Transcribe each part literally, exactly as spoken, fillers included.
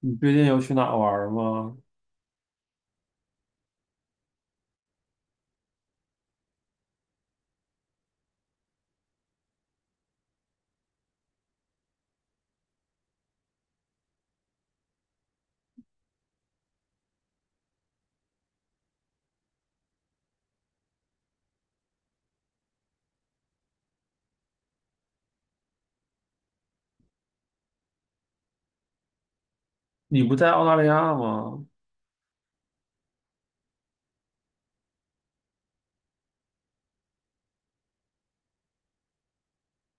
你最近有去哪玩儿吗？你不在澳大利亚吗？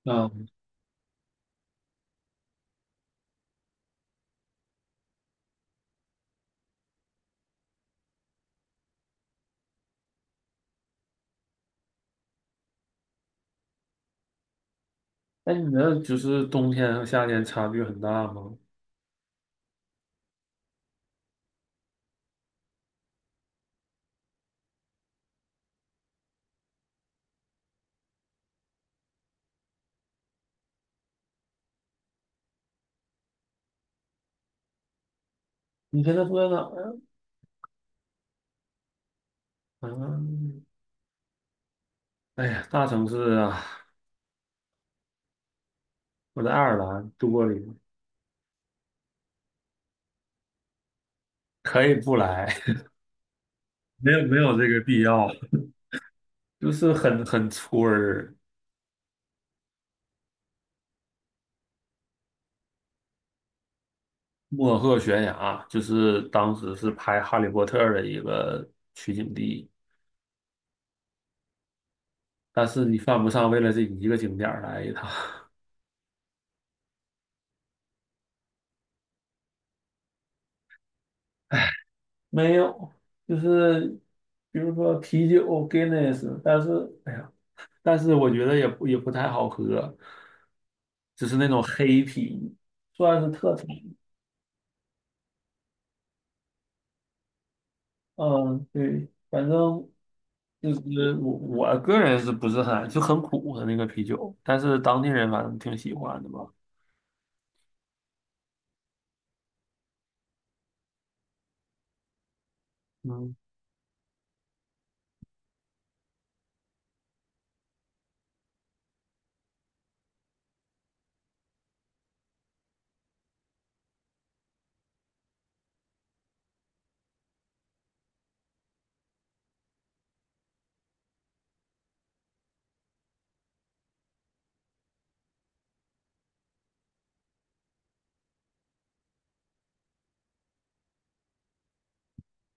啊，那你那就是冬天和夏天差距很大吗？你现在住在哪儿啊？嗯，哎呀，大城市啊，我在爱尔兰多里，可以不来，没有没有这个必要，就是很很村儿，莫赫悬崖，就是当时是拍《哈利波特》的一个取景地，但是你犯不上为了这一个景点儿来一趟。没有，就是比如说啤酒 Guinness，但是哎呀，但是我觉得也不也不太好喝，只是那种黑啤，算是特产。嗯，对，反正就是我我个人是不是很就很苦的那个啤酒，但是当地人反正挺喜欢的吧。嗯，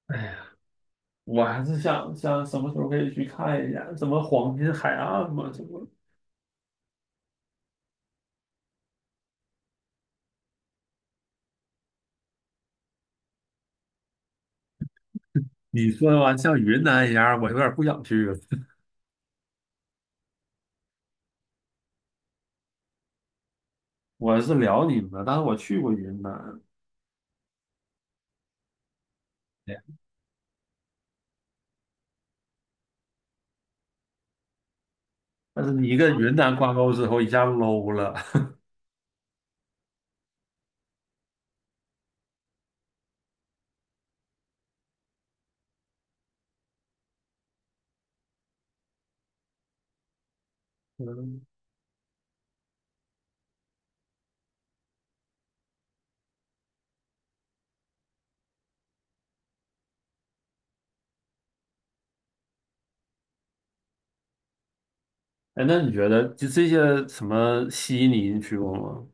哎呀，我还是想想什么时候可以去看一下，什么黄金海岸嘛，什么。你说完像云南一样，我有点不想去了。我是辽宁的，但是我去过云南，对但是你跟云南挂钩之后一下 low 了 嗯，哎，那你觉得就这些什么悉尼你去过吗？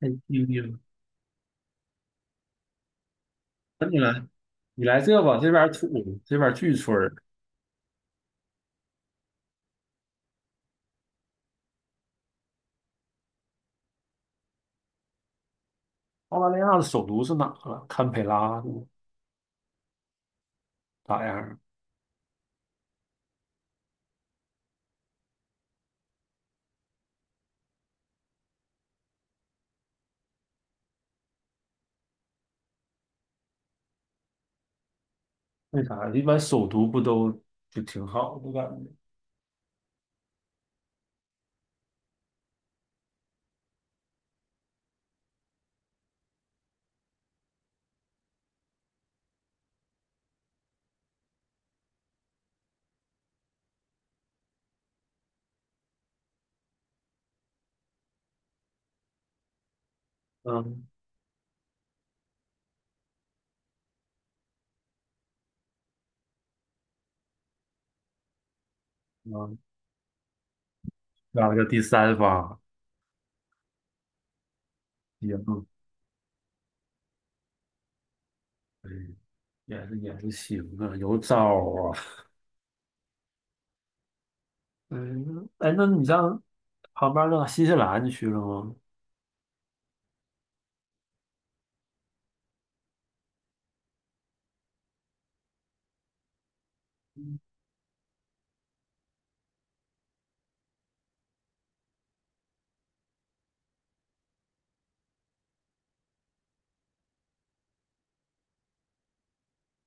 太丢丢了。那你来，你来这吧，这边儿土，这边儿巨村儿澳大利亚的首都是哪啊？堪培拉是吗咋样？为啥？一般首都不都就挺好的感觉？嗯嗯，那个第三方也不，嗯也是也是行啊，有招儿啊。嗯，哎，那你像旁边儿到新西兰去了吗？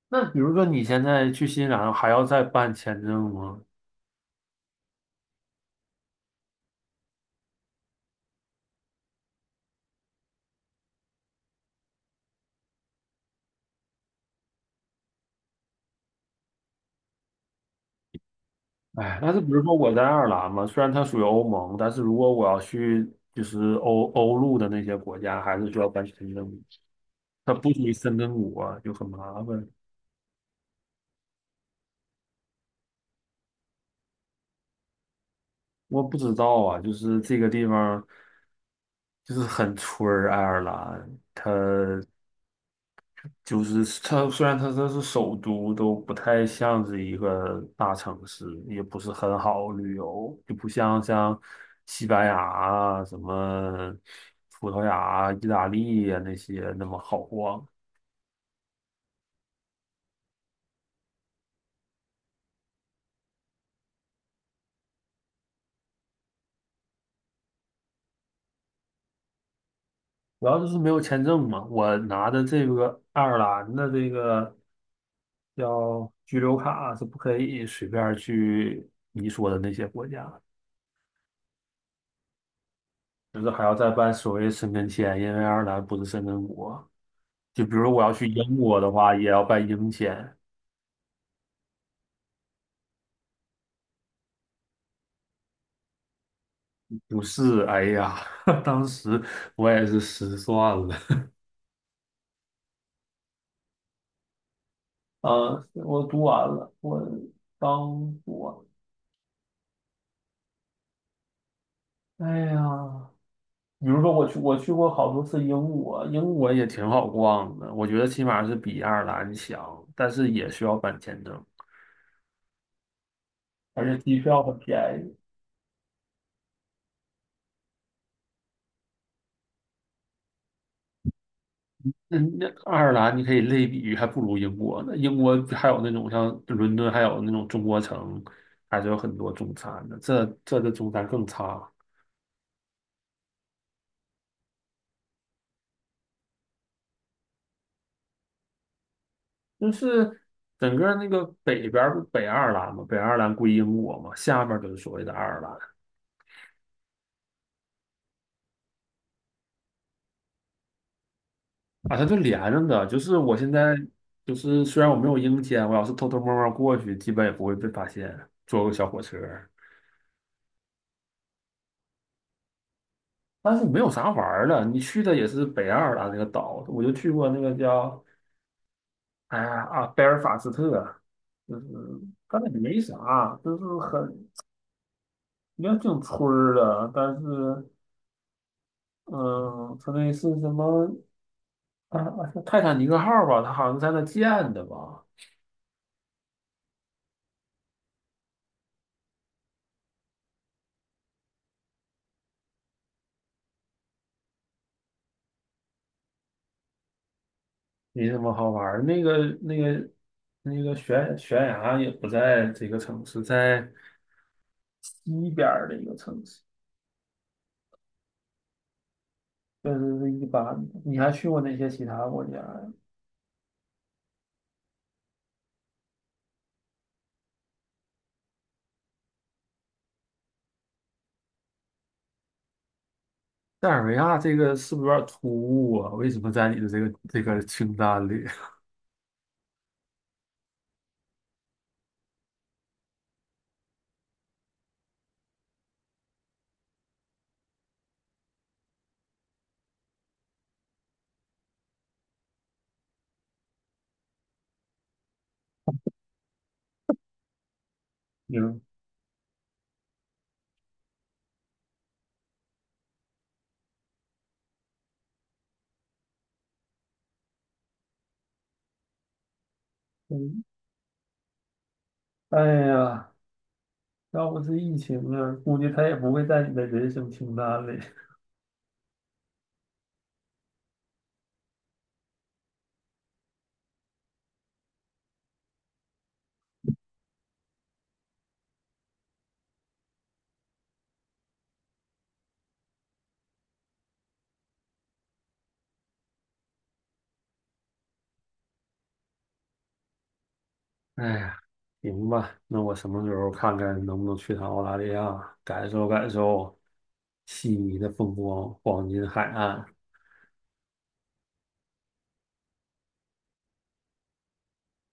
那比如说你现在去新西兰还要再办签证吗？哎，但是比如说我在爱尔兰嘛，虽然它属于欧盟，但是如果我要去就是欧欧陆的那些国家，还是需要办签证，它不属于申根国啊，就很麻烦。我不知道啊，就是这个地方就是很村儿，爱尔兰它。就是它虽然它这是首都，都不太像是一个大城市，也不是很好旅游，就不像像西班牙啊、什么葡萄牙啊意大利啊那些那么好逛。主要就是没有签证嘛。我拿的这个爱尔兰的这个叫居留卡是不可以随便去你说的那些国家。就是还要再办所谓的申根签，因为爱尔兰不是申根国。就比如我要去英国的话，也要办英签。不是，哎呀，当时我也是失算了。啊，我读完了，我当我完。哎呀，比如说我去，我去过好多次英国，英国也挺好逛的，我觉得起码是比爱尔兰强，但是也需要办签证，而且机票很便宜。嗯，那爱尔兰你可以类比于还不如英国呢。英国还有那种像伦敦，还有那种中国城，还是有很多中餐的。这这的中餐更差，就是整个那个北边儿不北爱尔兰嘛，北爱尔兰归英国嘛，下面就是所谓的爱尔兰啊，它就连着的。就是我现在就是虽然我没有英签，我要是偷偷摸摸过去，基本也不会被发现，坐个小火车。但是没有啥玩儿的，你去的也是北爱尔兰那个岛，我就去过那个叫。哎呀啊，贝尔法斯特，就是但那没啥，就是很也挺村儿的，但是，嗯，他那是什么啊？啊是泰坦尼克号吧？它好像在那建的吧？没什么好玩儿。那个那个那个悬悬崖也不在这个城市，在西边儿的一个城市，就是是一般的。你还去过那些其他国家呀？塞尔维亚这个是不是有点突兀啊？为什么在你的这个这个清单里？明嗯，哎呀，要不是疫情啊，估计他也不会在你的人生清单里。哎呀，行吧，那我什么时候看看能不能去趟澳大利亚，感受感受悉尼的风光，黄金海岸。